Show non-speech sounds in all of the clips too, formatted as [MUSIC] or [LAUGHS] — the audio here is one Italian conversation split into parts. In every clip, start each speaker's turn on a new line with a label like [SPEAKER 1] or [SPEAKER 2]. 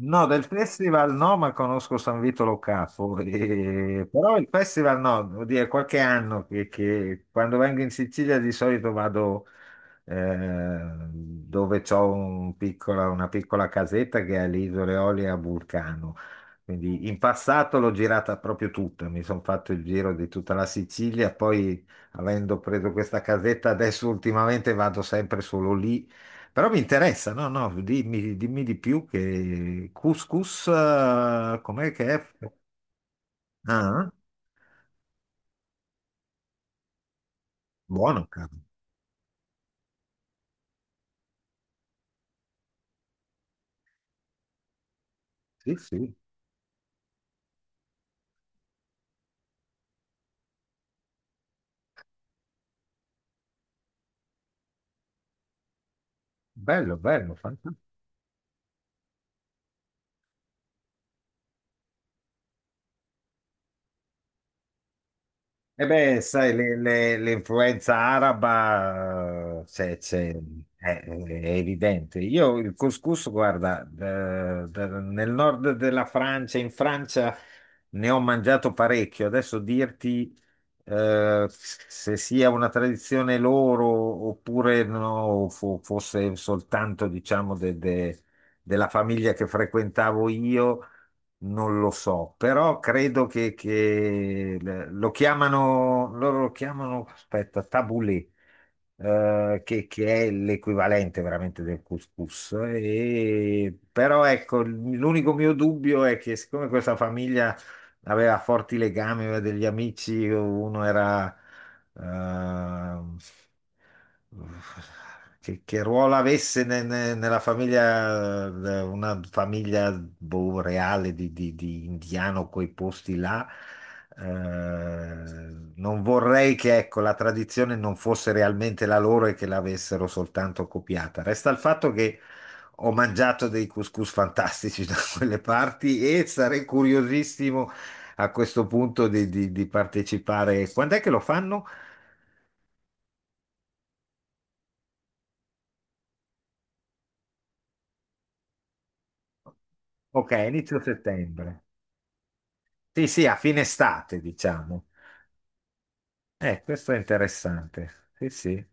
[SPEAKER 1] No, del festival no, ma conosco San Vito Lo Capo, [LAUGHS] però il festival no, devo dire, qualche anno che quando vengo in Sicilia di solito vado eh, dove c'ho un una piccola casetta che è alle Isole Olie a Vulcano. Quindi in passato l'ho girata proprio tutta, mi sono fatto il giro di tutta la Sicilia, poi avendo preso questa casetta adesso ultimamente vado sempre solo lì, però mi interessa, no, no, dimmi, dimmi di più, che couscous, com'è che è? Ah, buono, cavolo. Sì, sì, bello, bello, fantastico. E beh, sai, l'influenza araba è evidente. Io il couscous, guarda, nel nord della Francia, in Francia ne ho mangiato parecchio. Adesso dirti se sia una tradizione loro oppure no, fosse soltanto, diciamo, della famiglia che frequentavo io. Non lo so, però credo che lo chiamano, loro lo chiamano, aspetta, tabulé, che è l'equivalente veramente del couscous. E però ecco, l'unico mio dubbio è che, siccome questa famiglia aveva forti legami, aveva degli amici, uno era... ehm, che ruolo avesse nella famiglia, una famiglia boh, reale di indiano, quei posti là. Eh, Non vorrei che, ecco, la tradizione non fosse realmente la loro e che l'avessero soltanto copiata. Resta il fatto che ho mangiato dei couscous fantastici [LAUGHS] da quelle parti e sarei curiosissimo a questo punto di, di partecipare. Quando è che lo fanno? Ok, inizio settembre. Sì, sì, a fine estate, diciamo. Questo è interessante. Sì, sì.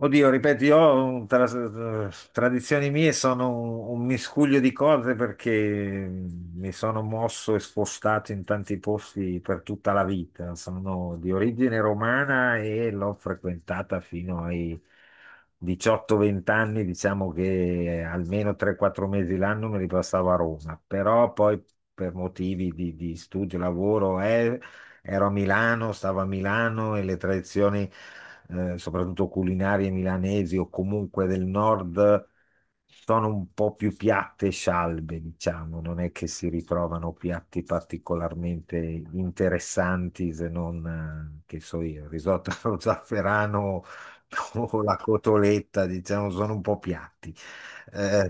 [SPEAKER 1] Oddio, ripeto, io tradizioni mie sono un miscuglio di cose, perché mi sono mosso e spostato in tanti posti per tutta la vita. Sono di origine romana e l'ho frequentata fino ai 18-20 anni, diciamo che almeno 3-4 mesi l'anno me li passavo a Roma, però poi per motivi di studio, lavoro, ero a Milano, stavo a Milano, e le tradizioni, soprattutto culinarie milanesi o comunque del nord, sono un po' più piatte e scialbe, diciamo, non è che si ritrovano piatti particolarmente interessanti se non, che so io, il risotto [LAUGHS] allo zafferano o [LAUGHS] la cotoletta, diciamo, sono un po' piatti. Eh,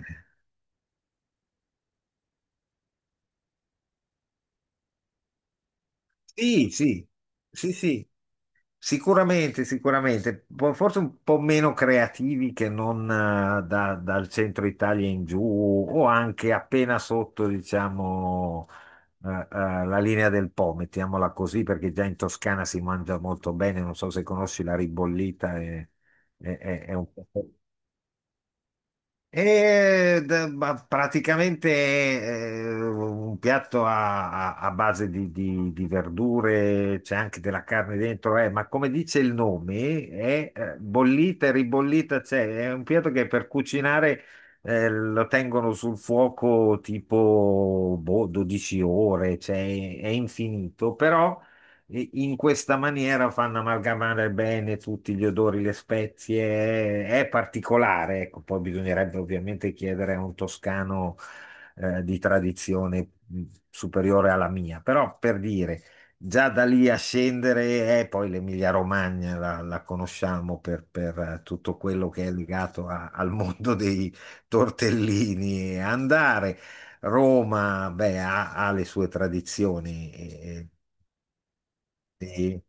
[SPEAKER 1] sì, sì, sì, sì. Sicuramente, sicuramente. Forse un po' meno creativi che non, dal centro Italia in giù, o anche appena sotto, diciamo, la linea del Po, mettiamola così, perché già in Toscana si mangia molto bene, non so se conosci la ribollita, è, è un po'... ma praticamente, un piatto a, a base di, di verdure, c'è anche della carne dentro, ma come dice il nome, è, bollita e ribollita, c'è, è un piatto che per cucinare, lo tengono sul fuoco tipo boh, 12 ore, cioè, è infinito. Però, e in questa maniera, fanno amalgamare bene tutti gli odori, le spezie, è particolare, ecco. Poi bisognerebbe ovviamente chiedere a un toscano, di tradizione superiore alla mia, però per dire, già da lì a scendere, poi l'Emilia-Romagna la conosciamo per, tutto quello che è legato al mondo dei tortellini e andare. Roma, beh, ha, ha le sue tradizioni. E-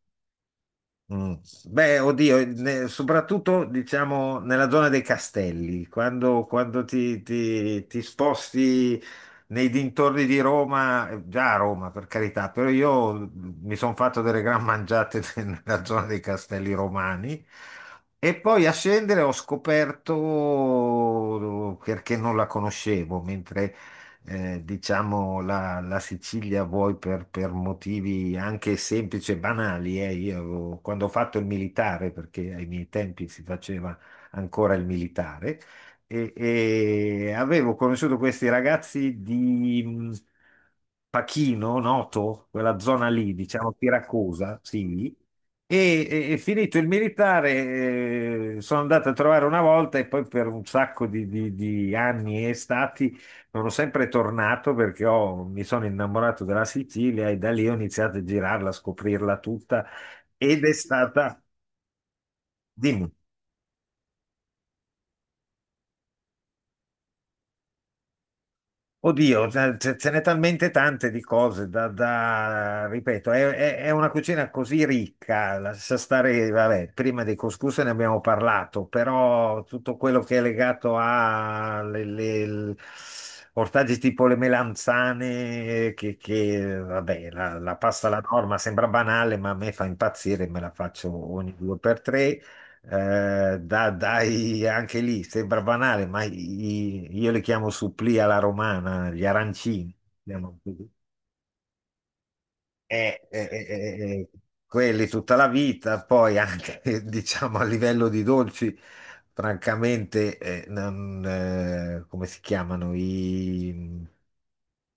[SPEAKER 1] Mm. Beh, oddio, soprattutto diciamo nella zona dei castelli, quando, quando ti, ti sposti nei dintorni di Roma, già a Roma per carità, però io mi sono fatto delle gran mangiate [LAUGHS] nella zona dei castelli romani, e poi a scendere ho scoperto, perché non la conoscevo, mentre diciamo, la Sicilia, vuoi per motivi anche semplici e banali. Io quando ho fatto il militare, perché ai miei tempi si faceva ancora il militare, e avevo conosciuto questi ragazzi di Pachino, Noto, quella zona lì, diciamo Siracusa, sì, e, e finito il militare, sono andato a trovare una volta, e poi per un sacco di, di anni e stati, sono sempre tornato, perché mi sono innamorato della Sicilia, e da lì ho iniziato a girarla, a scoprirla tutta, ed è stata... Dimmi. Oddio, ce n'è talmente tante di cose da, ripeto, è, è una cucina così ricca, lascia stare. Vabbè, prima dei couscous ne abbiamo parlato, però tutto quello che è legato a ortaggi tipo le melanzane, che, vabbè, la pasta alla norma sembra banale, ma a me fa impazzire, me la faccio ogni due per tre. Eh, dai, anche lì sembra banale, ma io li chiamo supplì alla romana, gli arancini. Li chiamo. Eh, eh, eh, eh, quelli tutta la vita. Poi anche [LAUGHS] diciamo a livello di dolci, francamente, non, come si chiamano, i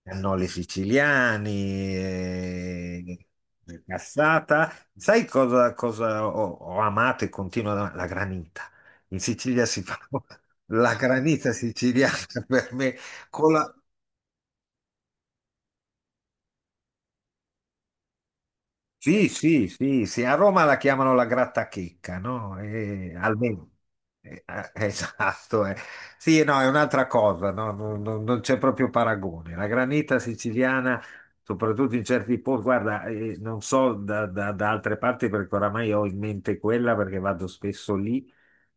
[SPEAKER 1] cannoli siciliani, la cassata. Sai cosa, cosa ho, ho amato e continuo ad amare? La granita. In Sicilia si fa [LAUGHS] la granita siciliana [LAUGHS] per me... Sì, sì, sì, sì, a Roma la chiamano la grattachecca, no? Almeno. [LAUGHS] Esatto. Sì, no, è un'altra cosa, no? Non c'è proprio paragone. La granita siciliana, soprattutto in certi posti, guarda, non so da, da altre parti, perché oramai ho in mente quella, perché vado spesso lì,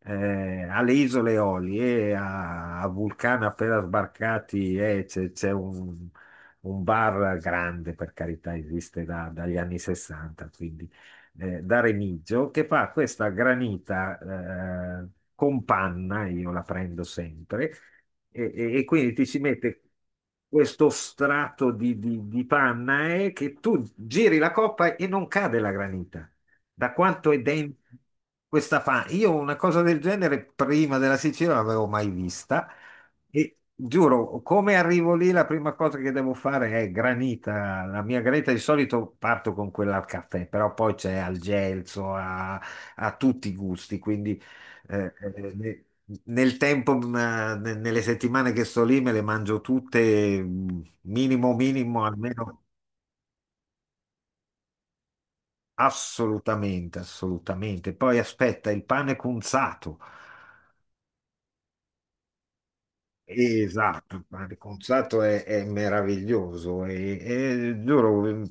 [SPEAKER 1] alle Isole Eolie, a, a Vulcano, appena sbarcati, c'è un bar grande, per carità, esiste dagli anni 60, quindi da Remigio, che fa questa granita, eh, con panna, io la prendo sempre, e, e quindi ti ci mette questo strato di, di panna, che tu giri la coppa e non cade la granita. Da quanto è dentro questa panna? Io una cosa del genere prima della Sicilia non l'avevo mai vista. E giuro, come arrivo lì, la prima cosa che devo fare è granita. La mia granita di solito parto con quella al caffè, però poi c'è al gelso, a, a tutti i gusti. Quindi eh, eh, ne- nel tempo, nelle settimane che sto lì, me le mangio tutte, minimo, minimo, almeno assolutamente, assolutamente. Poi aspetta, il pane cunzato. Esatto, ma il concerto è meraviglioso, e giuro,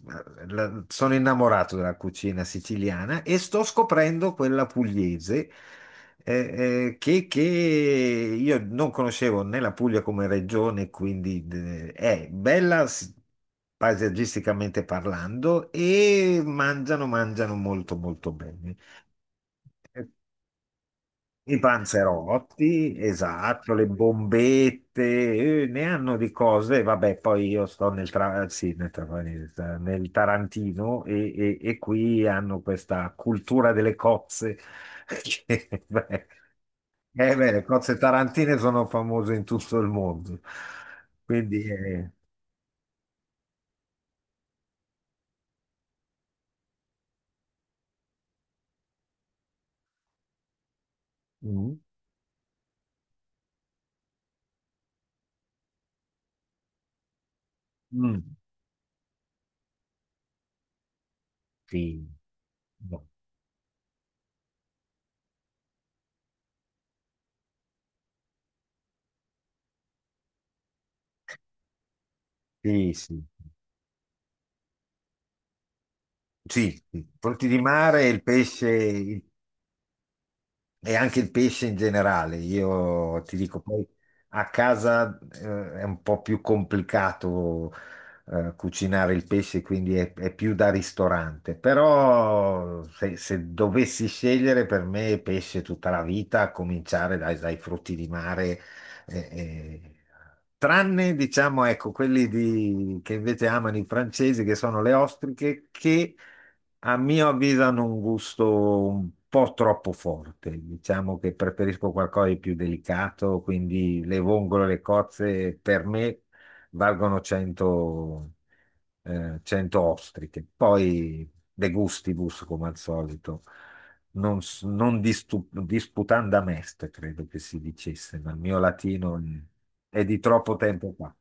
[SPEAKER 1] sono innamorato della cucina siciliana e sto scoprendo quella pugliese, che io non conoscevo, né la Puglia come regione, quindi è bella paesaggisticamente parlando, e mangiano, mangiano molto molto bene. I panzerotti, esatto, le bombette, ne hanno di cose. Vabbè, poi io sto nel, sì, nel nel Tarantino, e, e qui hanno questa cultura delle cozze. [LAUGHS] Che, beh, beh, le cozze tarantine sono famose in tutto il mondo. Quindi, mm, mm, sì, no, sì, sì. Sì, sì. Frutti di mare, il pesce, il... E anche il pesce in generale, io ti dico, poi a casa è un po' più complicato, cucinare il pesce, quindi è più da ristorante, però se, se dovessi scegliere, per me pesce tutta la vita, a cominciare dai, dai frutti di mare, eh, eh, tranne, diciamo, ecco, quelli che invece amano i francesi, che sono le ostriche, che a mio avviso hanno un gusto un po' troppo forte. Diciamo che preferisco qualcosa di più delicato, quindi le vongole, le cozze, per me valgono 100, 100 ostriche. Poi de gustibus, come al solito, non, non disputanda est, credo che si dicesse, ma il mio latino è di troppo tempo fa.